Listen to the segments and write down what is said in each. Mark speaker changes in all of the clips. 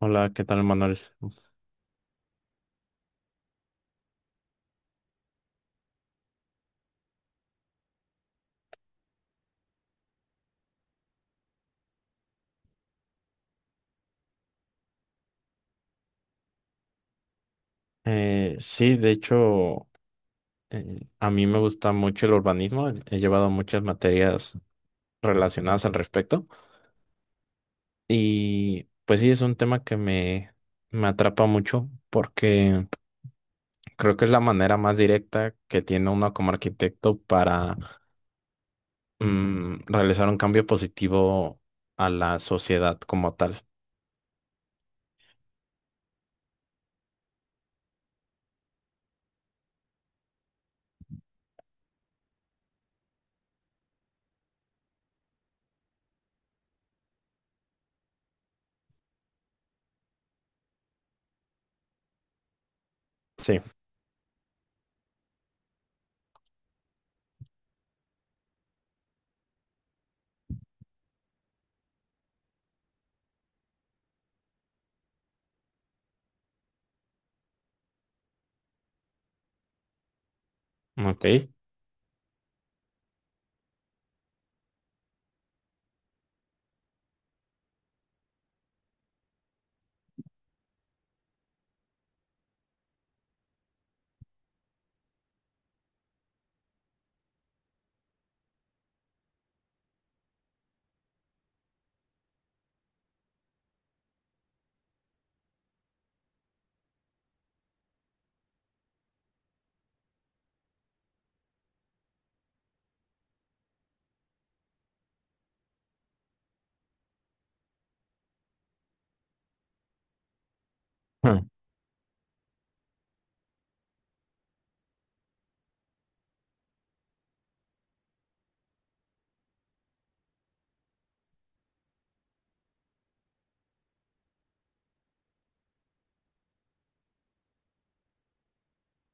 Speaker 1: Hola, ¿qué tal, Manuel? Sí, de hecho, a mí me gusta mucho el urbanismo. He llevado muchas materias relacionadas al respecto. Y pues sí, es un tema me atrapa mucho porque creo que es la manera más directa que tiene uno como arquitecto para realizar un cambio positivo a la sociedad como tal. Sí, ok.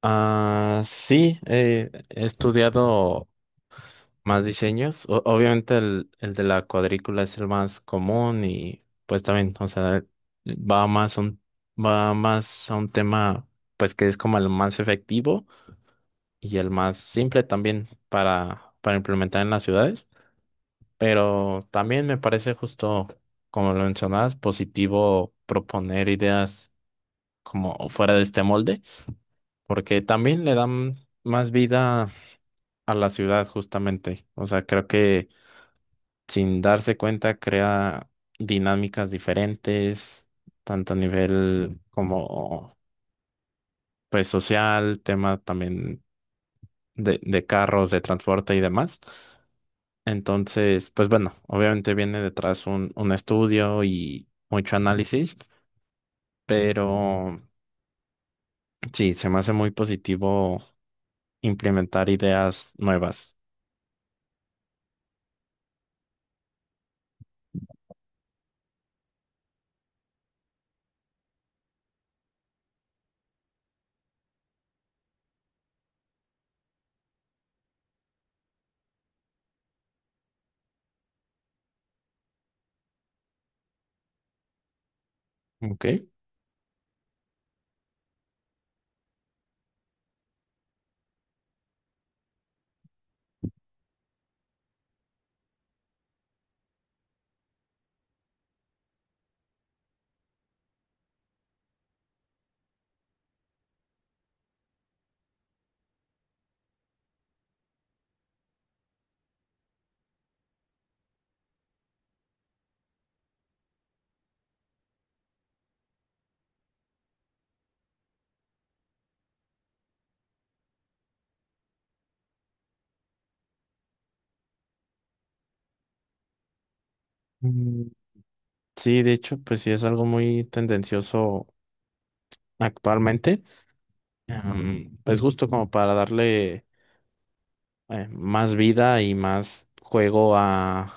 Speaker 1: Ah, sí, he estudiado más diseños. Obviamente el de la cuadrícula es el más común y pues también, o sea, va más a un, va más a un tema pues que es como el más efectivo y el más simple también para implementar en las ciudades. Pero también me parece justo, como lo mencionabas, positivo proponer ideas como fuera de este molde, porque también le dan más vida a la ciudad justamente. O sea, creo que sin darse cuenta crea dinámicas diferentes, tanto a nivel como pues social, tema también de carros, de transporte y demás. Entonces, pues bueno, obviamente viene detrás un estudio y mucho análisis, pero sí, se me hace muy positivo implementar ideas nuevas. Ok. Mm, Sí, de hecho, pues sí es algo muy tendencioso actualmente, pues justo como para darle más vida y más juego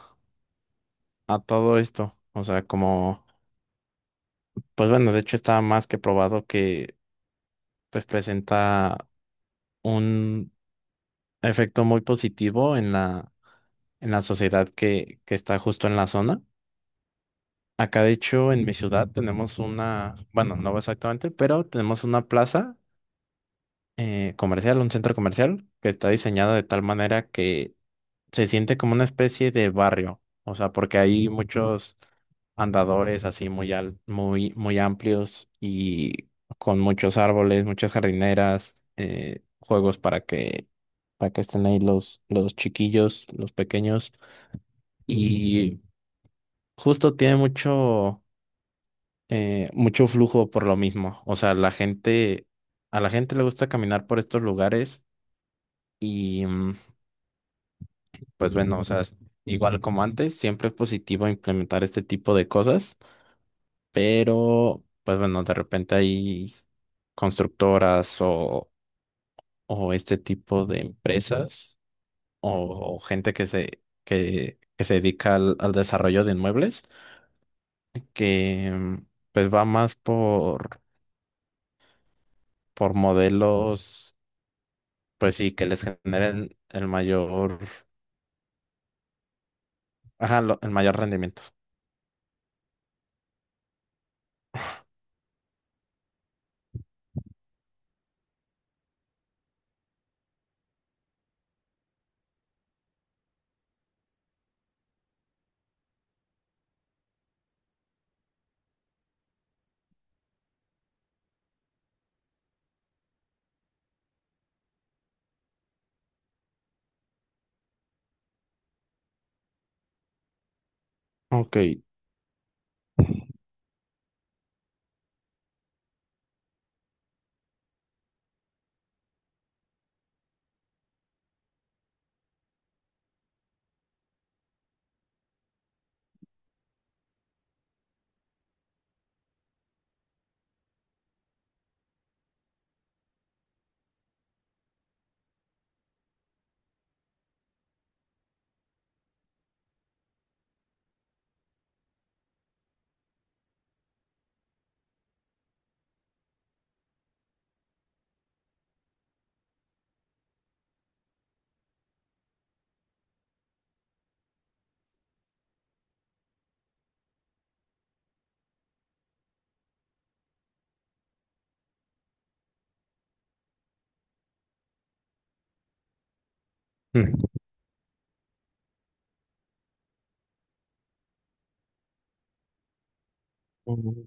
Speaker 1: a todo esto. O sea, como, pues bueno, de hecho está más que probado que pues presenta un efecto muy positivo en en la sociedad que está justo en la zona. Acá, de hecho, en mi ciudad tenemos una, bueno, no exactamente, pero tenemos una plaza comercial, un centro comercial que está diseñada de tal manera que se siente como una especie de barrio, o sea, porque hay muchos andadores así muy, muy amplios y con muchos árboles, muchas jardineras, juegos para que estén ahí los chiquillos, los pequeños, y justo tiene mucho, mucho flujo por lo mismo, o sea, la gente, a la gente le gusta caminar por estos lugares. Y pues bueno, o sea, igual como antes, siempre es positivo implementar este tipo de cosas, pero pues bueno, de repente hay constructoras o este tipo de empresas o gente que se dedica al desarrollo de inmuebles, que pues va más por modelos, pues sí, que les generen el mayor, ajá, el mayor rendimiento. Ok. Mm.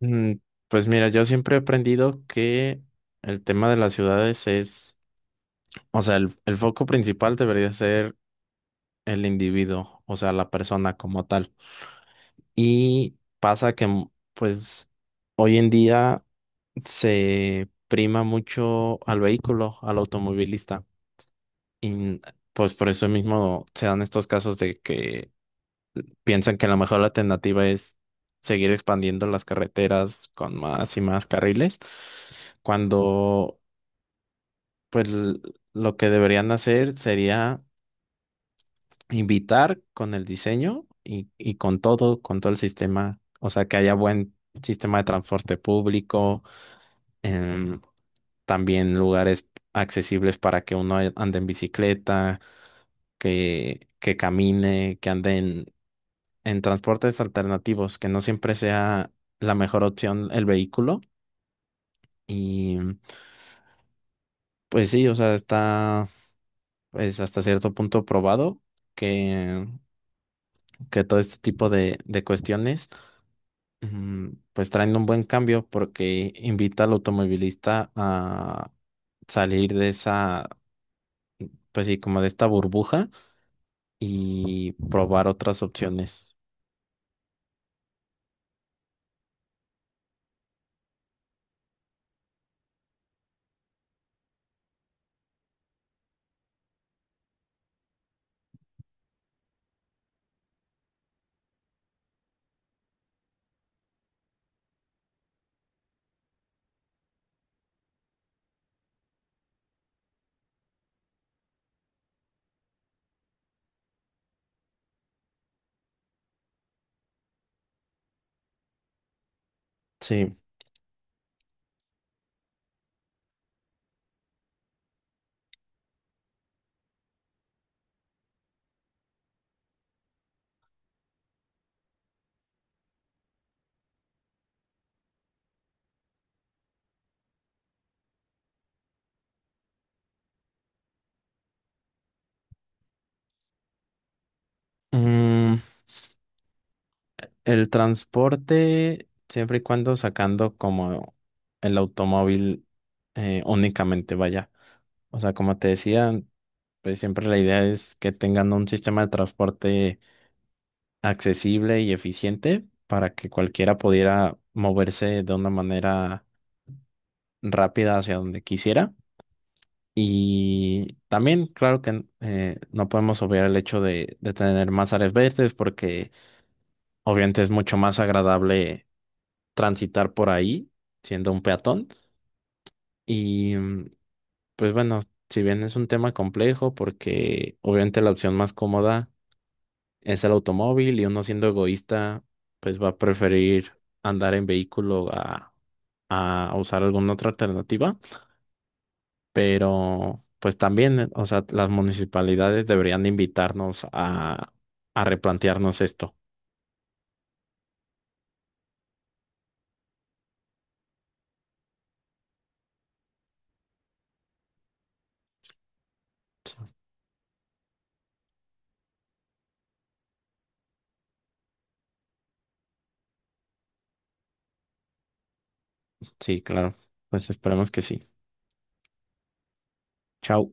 Speaker 1: Mm, Pues mira, yo siempre he aprendido que el tema de las ciudades es, o sea, el foco principal debería ser el individuo, o sea, la persona como tal. Y pasa que, pues, hoy en día se prima mucho al vehículo, al automovilista. Y pues por eso mismo se dan estos casos de que piensan que a lo mejor la alternativa es seguir expandiendo las carreteras con más y más carriles, cuando pues l- lo que deberían hacer sería invitar con el diseño y con todo el sistema, o sea, que haya buen sistema de transporte público, em, también lugares accesibles para que uno ande en bicicleta, que camine, que anden en transportes alternativos, que no siempre sea la mejor opción el vehículo. Y pues sí, o sea, está pues hasta cierto punto probado que, que todo este tipo de cuestiones mm, pues traen un buen cambio porque invita al automovilista a salir de esa, pues sí, como de esta burbuja y probar otras opciones. Sí. Mm, El transporte, siempre y cuando sacando como el automóvil únicamente, vaya. O sea, como te decía, pues siempre la idea es que tengan un sistema de transporte accesible y eficiente para que cualquiera pudiera moverse de una manera rápida hacia donde quisiera. Y también, claro que no podemos obviar el hecho de tener más áreas verdes porque obviamente es mucho más agradable transitar por ahí siendo un peatón. Y pues bueno, si bien es un tema complejo porque obviamente la opción más cómoda es el automóvil y uno siendo egoísta pues va a preferir andar en vehículo a usar alguna otra alternativa. Pero pues también, o sea, las municipalidades deberían invitarnos a replantearnos esto. Sí, claro. Pues esperemos que sí. Chao.